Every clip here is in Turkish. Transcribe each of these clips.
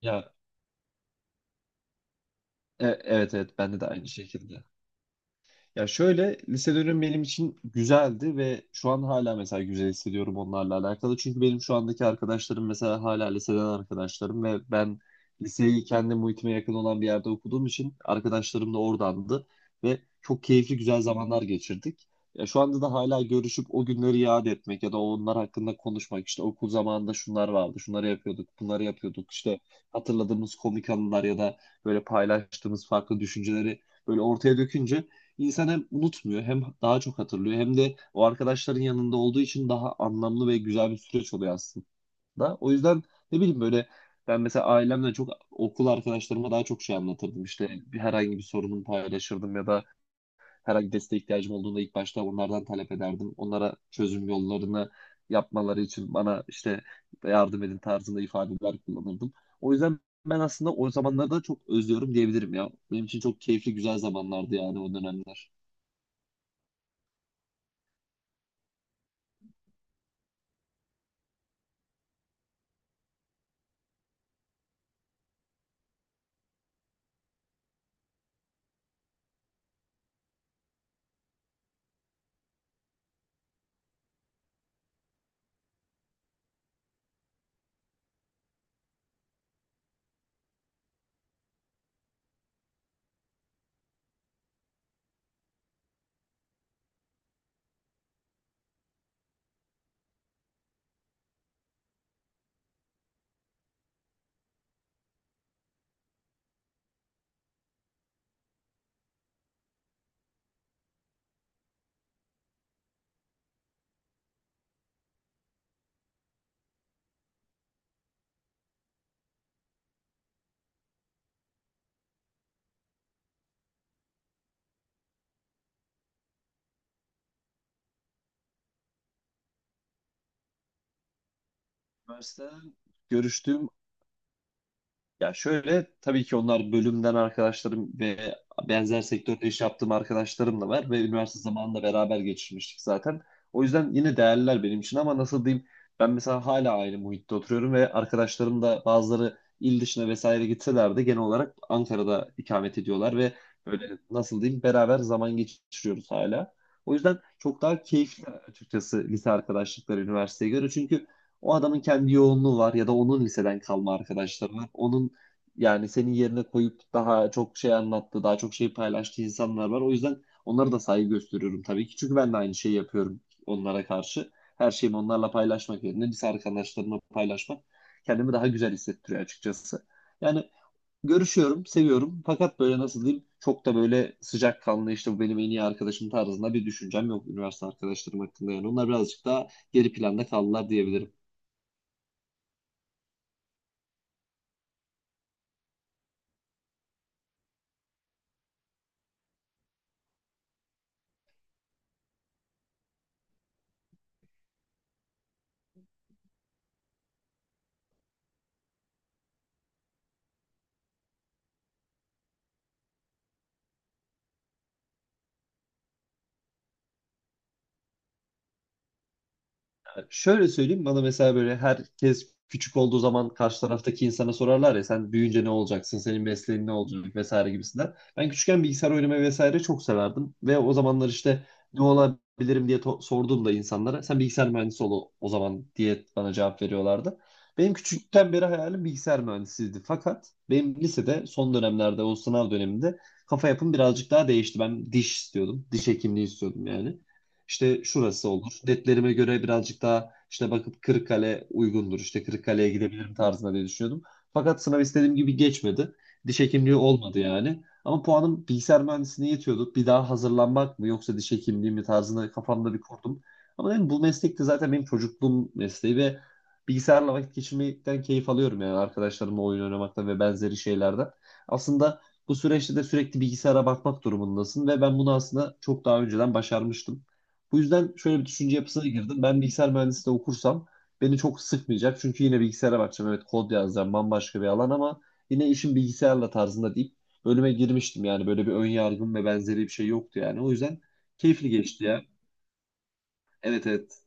Ya evet evet, bende de aynı şekilde. Ya şöyle, lise dönemi benim için güzeldi ve şu an hala mesela güzel hissediyorum onlarla alakalı. Çünkü benim şu andaki arkadaşlarım mesela hala liseden arkadaşlarım ve ben liseyi kendi muhitime yakın olan bir yerde okuduğum için arkadaşlarım da oradandı ve çok keyifli güzel zamanlar geçirdik. Ya şu anda da hala görüşüp o günleri yad etmek ya da onlar hakkında konuşmak, işte okul zamanında şunlar vardı, şunları yapıyorduk, bunları yapıyorduk işte, hatırladığımız komik anılar ya da böyle paylaştığımız farklı düşünceleri böyle ortaya dökünce İnsan hem unutmuyor hem daha çok hatırlıyor hem de o arkadaşların yanında olduğu için daha anlamlı ve güzel bir süreç oluyor aslında. O yüzden ne bileyim, böyle ben mesela ailemle çok, okul arkadaşlarıma daha çok şey anlatırdım. İşte herhangi bir sorunumu paylaşırdım ya da herhangi desteğe ihtiyacım olduğunda ilk başta onlardan talep ederdim. Onlara çözüm yollarını yapmaları için bana işte yardım edin tarzında ifadeler kullanırdım. O yüzden ben aslında o zamanları da çok özlüyorum diyebilirim ya. Benim için çok keyifli güzel zamanlardı yani o dönemler. Üniversiteden görüştüğüm, ya şöyle, tabii ki onlar bölümden arkadaşlarım ve benzer sektörde iş yaptığım arkadaşlarım da var ve üniversite zamanında beraber geçirmiştik zaten. O yüzden yine değerliler benim için, ama nasıl diyeyim, ben mesela hala aynı muhitte oturuyorum ve arkadaşlarım da, bazıları il dışına vesaire gitseler de, genel olarak Ankara'da ikamet ediyorlar ve böyle, nasıl diyeyim, beraber zaman geçiriyoruz hala. O yüzden çok daha keyifli açıkçası lise arkadaşlıkları üniversiteye göre. Çünkü o adamın kendi yoğunluğu var ya da onun liseden kalma arkadaşları var. Onun, yani senin yerine koyup daha çok şey anlattı, daha çok şey paylaştığı insanlar var. O yüzden onlara da saygı gösteriyorum tabii ki. Çünkü ben de aynı şeyi yapıyorum onlara karşı. Her şeyimi onlarla paylaşmak yerine lise arkadaşlarımla paylaşmak kendimi daha güzel hissettiriyor açıkçası. Yani görüşüyorum, seviyorum. Fakat böyle, nasıl diyeyim, çok da böyle sıcakkanlı, işte bu benim en iyi arkadaşım tarzında bir düşüncem yok üniversite arkadaşlarım hakkında. Yani onlar birazcık daha geri planda kaldılar diyebilirim. Şöyle söyleyeyim, bana mesela, böyle herkes küçük olduğu zaman karşı taraftaki insana sorarlar ya, sen büyüyünce ne olacaksın, senin mesleğin ne olacak vesaire gibisinden. Ben küçükken bilgisayar oynamayı vesaire çok severdim ve o zamanlar işte ne olabilirim diye sorduğumda insanlara, sen bilgisayar mühendisi ol o o zaman diye bana cevap veriyorlardı. Benim küçükten beri hayalim bilgisayar mühendisiydi. Fakat benim lisede son dönemlerde, o sınav döneminde kafa yapım birazcık daha değişti. Ben diş istiyordum. Diş hekimliği istiyordum yani. İşte şurası olur, netlerime göre birazcık daha işte bakıp Kırıkkale uygundur, İşte Kırıkkale'ye gidebilirim tarzında diye düşünüyordum. Fakat sınav istediğim gibi geçmedi. Diş hekimliği olmadı yani. Ama puanım bilgisayar mühendisliğine yetiyordu. Bir daha hazırlanmak mı yoksa diş hekimliği mi tarzında kafamda bir kurdum. Ama dedim, bu meslek de zaten benim çocukluğum mesleği ve bilgisayarla vakit geçirmekten keyif alıyorum yani, arkadaşlarımla oyun oynamaktan ve benzeri şeylerden. Aslında bu süreçte de sürekli bilgisayara bakmak durumundasın ve ben bunu aslında çok daha önceden başarmıştım. Bu yüzden şöyle bir düşünce yapısına girdim. Ben bilgisayar mühendisliği okursam beni çok sıkmayacak. Çünkü yine bilgisayara bakacağım. Evet, kod yazacağım, bambaşka bir alan, ama yine işim bilgisayarla tarzında deyip bölüme girmiştim. Yani böyle bir ön yargım ve benzeri bir şey yoktu yani. O yüzden keyifli geçti ya. Evet, evet.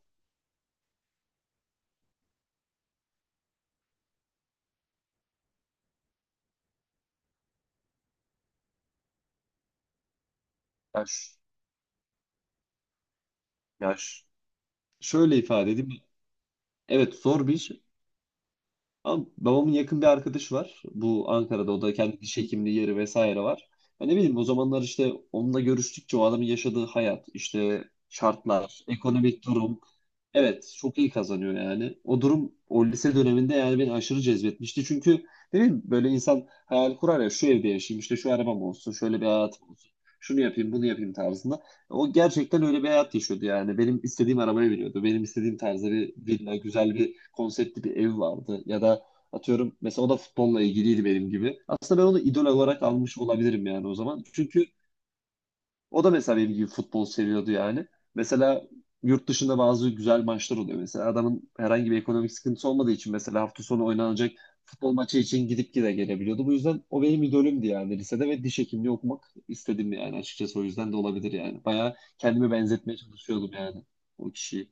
Ya, ş- ya ş- Şöyle ifade edeyim. Evet, zor bir iş. Ama babamın yakın bir arkadaşı var. Bu Ankara'da o da kendi diş hekimliği yeri vesaire var. Ya ne bileyim, o zamanlar işte onunla görüştükçe, o adamın yaşadığı hayat, işte şartlar, ekonomik durum. Evet çok iyi kazanıyor yani. O durum o lise döneminde yani beni aşırı cezbetmişti. Çünkü ne bileyim, böyle insan hayal kurar ya, şu evde yaşayayım, işte şu arabam olsun, şöyle bir hayatım olsun. Şunu yapayım, bunu yapayım tarzında. O gerçekten öyle bir hayat yaşıyordu yani. Benim istediğim arabayı veriyordu. Benim istediğim tarzda bir villa, güzel bir konseptli bir ev vardı. Ya da atıyorum, mesela o da futbolla ilgiliydi benim gibi. Aslında ben onu idol olarak almış olabilirim yani o zaman. Çünkü o da mesela benim gibi futbol seviyordu yani. Mesela yurt dışında bazı güzel maçlar oluyor. Mesela adamın herhangi bir ekonomik sıkıntısı olmadığı için, mesela hafta sonu oynanacak futbol maçı için gidip gide gelebiliyordu. Bu yüzden o benim idolümdü yani lisede ve diş hekimliği okumak istedim yani açıkçası, o yüzden de olabilir yani. Bayağı kendimi benzetmeye çalışıyordum yani o kişiyi.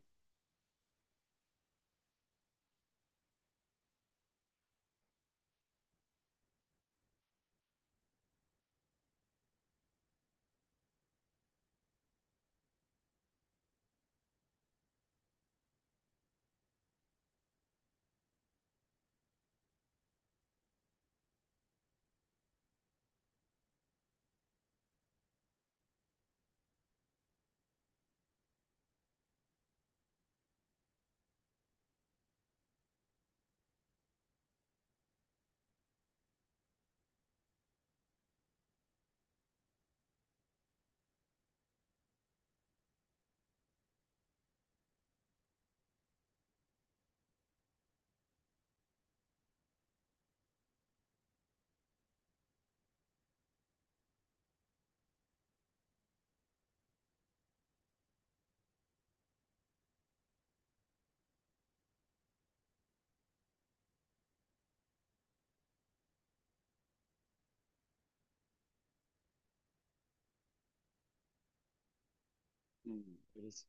Hmm, evet.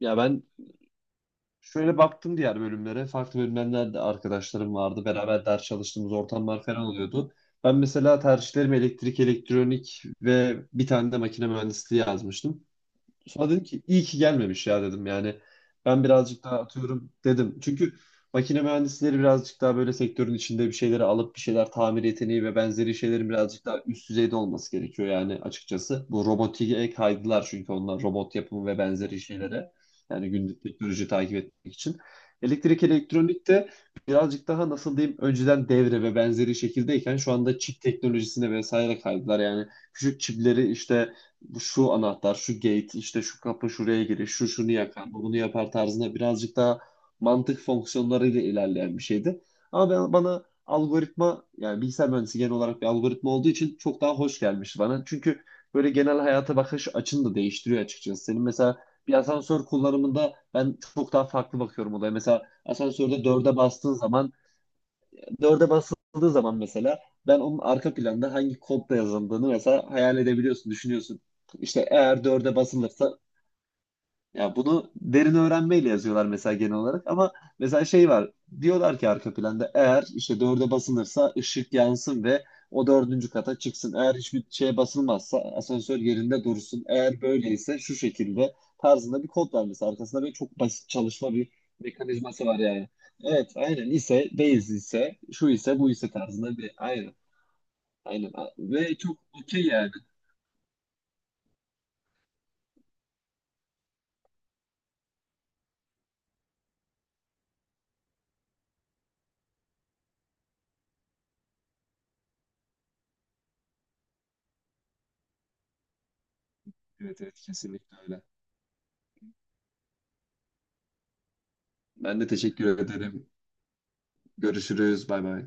Ya ben şöyle baktım diğer bölümlere. Farklı bölümlerden de arkadaşlarım vardı. Beraber ders çalıştığımız ortamlar falan oluyordu. Ben mesela tercihlerimi elektrik, elektronik ve bir tane de makine mühendisliği yazmıştım. Sonra dedim ki iyi ki gelmemiş ya, dedim yani. Ben birazcık daha atıyorum, dedim. Çünkü makine mühendisleri birazcık daha böyle sektörün içinde bir şeyleri alıp bir şeyler tamir yeteneği ve benzeri şeylerin birazcık daha üst düzeyde olması gerekiyor yani açıkçası. Bu robotiğe kaydılar çünkü onlar robot yapımı ve benzeri şeylere. Yani günlük teknoloji takip etmek için. Elektrik elektronik de birazcık daha, nasıl diyeyim, önceden devre ve benzeri şekildeyken şu anda çip teknolojisine vesaire kaydılar. Yani küçük çipleri işte, bu şu anahtar, şu gate, işte şu kapı şuraya girir, şu şunu yakar, bu bunu yapar tarzında, birazcık daha mantık fonksiyonlarıyla ilerleyen bir şeydi. Ama ben, bana algoritma, yani bilgisayar mühendisi genel olarak bir algoritma olduğu için çok daha hoş gelmişti bana. Çünkü böyle genel hayata bakış açını da değiştiriyor açıkçası. Senin mesela bir asansör kullanımında ben çok daha farklı bakıyorum olaya. Mesela asansörde dörde bastığın zaman, dörde basıldığı zaman mesela, ben onun arka planda hangi kodla yazıldığını mesela hayal edebiliyorsun, düşünüyorsun. İşte eğer dörde basılırsa, ya bunu derin öğrenmeyle yazıyorlar mesela genel olarak, ama mesela şey var, diyorlar ki arka planda eğer işte dörde basılırsa ışık yansın ve o dördüncü kata çıksın. Eğer hiçbir şeye basılmazsa asansör yerinde dursun. Eğer böyleyse şu şekilde tarzında bir kod var mesela arkasında, böyle çok basit çalışma bir mekanizması var yani. Evet aynen, ise değiliz ise şu ise bu ise tarzında bir, aynen aynen ve çok okey yani. Evet, evet, kesinlikle öyle. Ben de teşekkür ederim. Görüşürüz. Bay bay.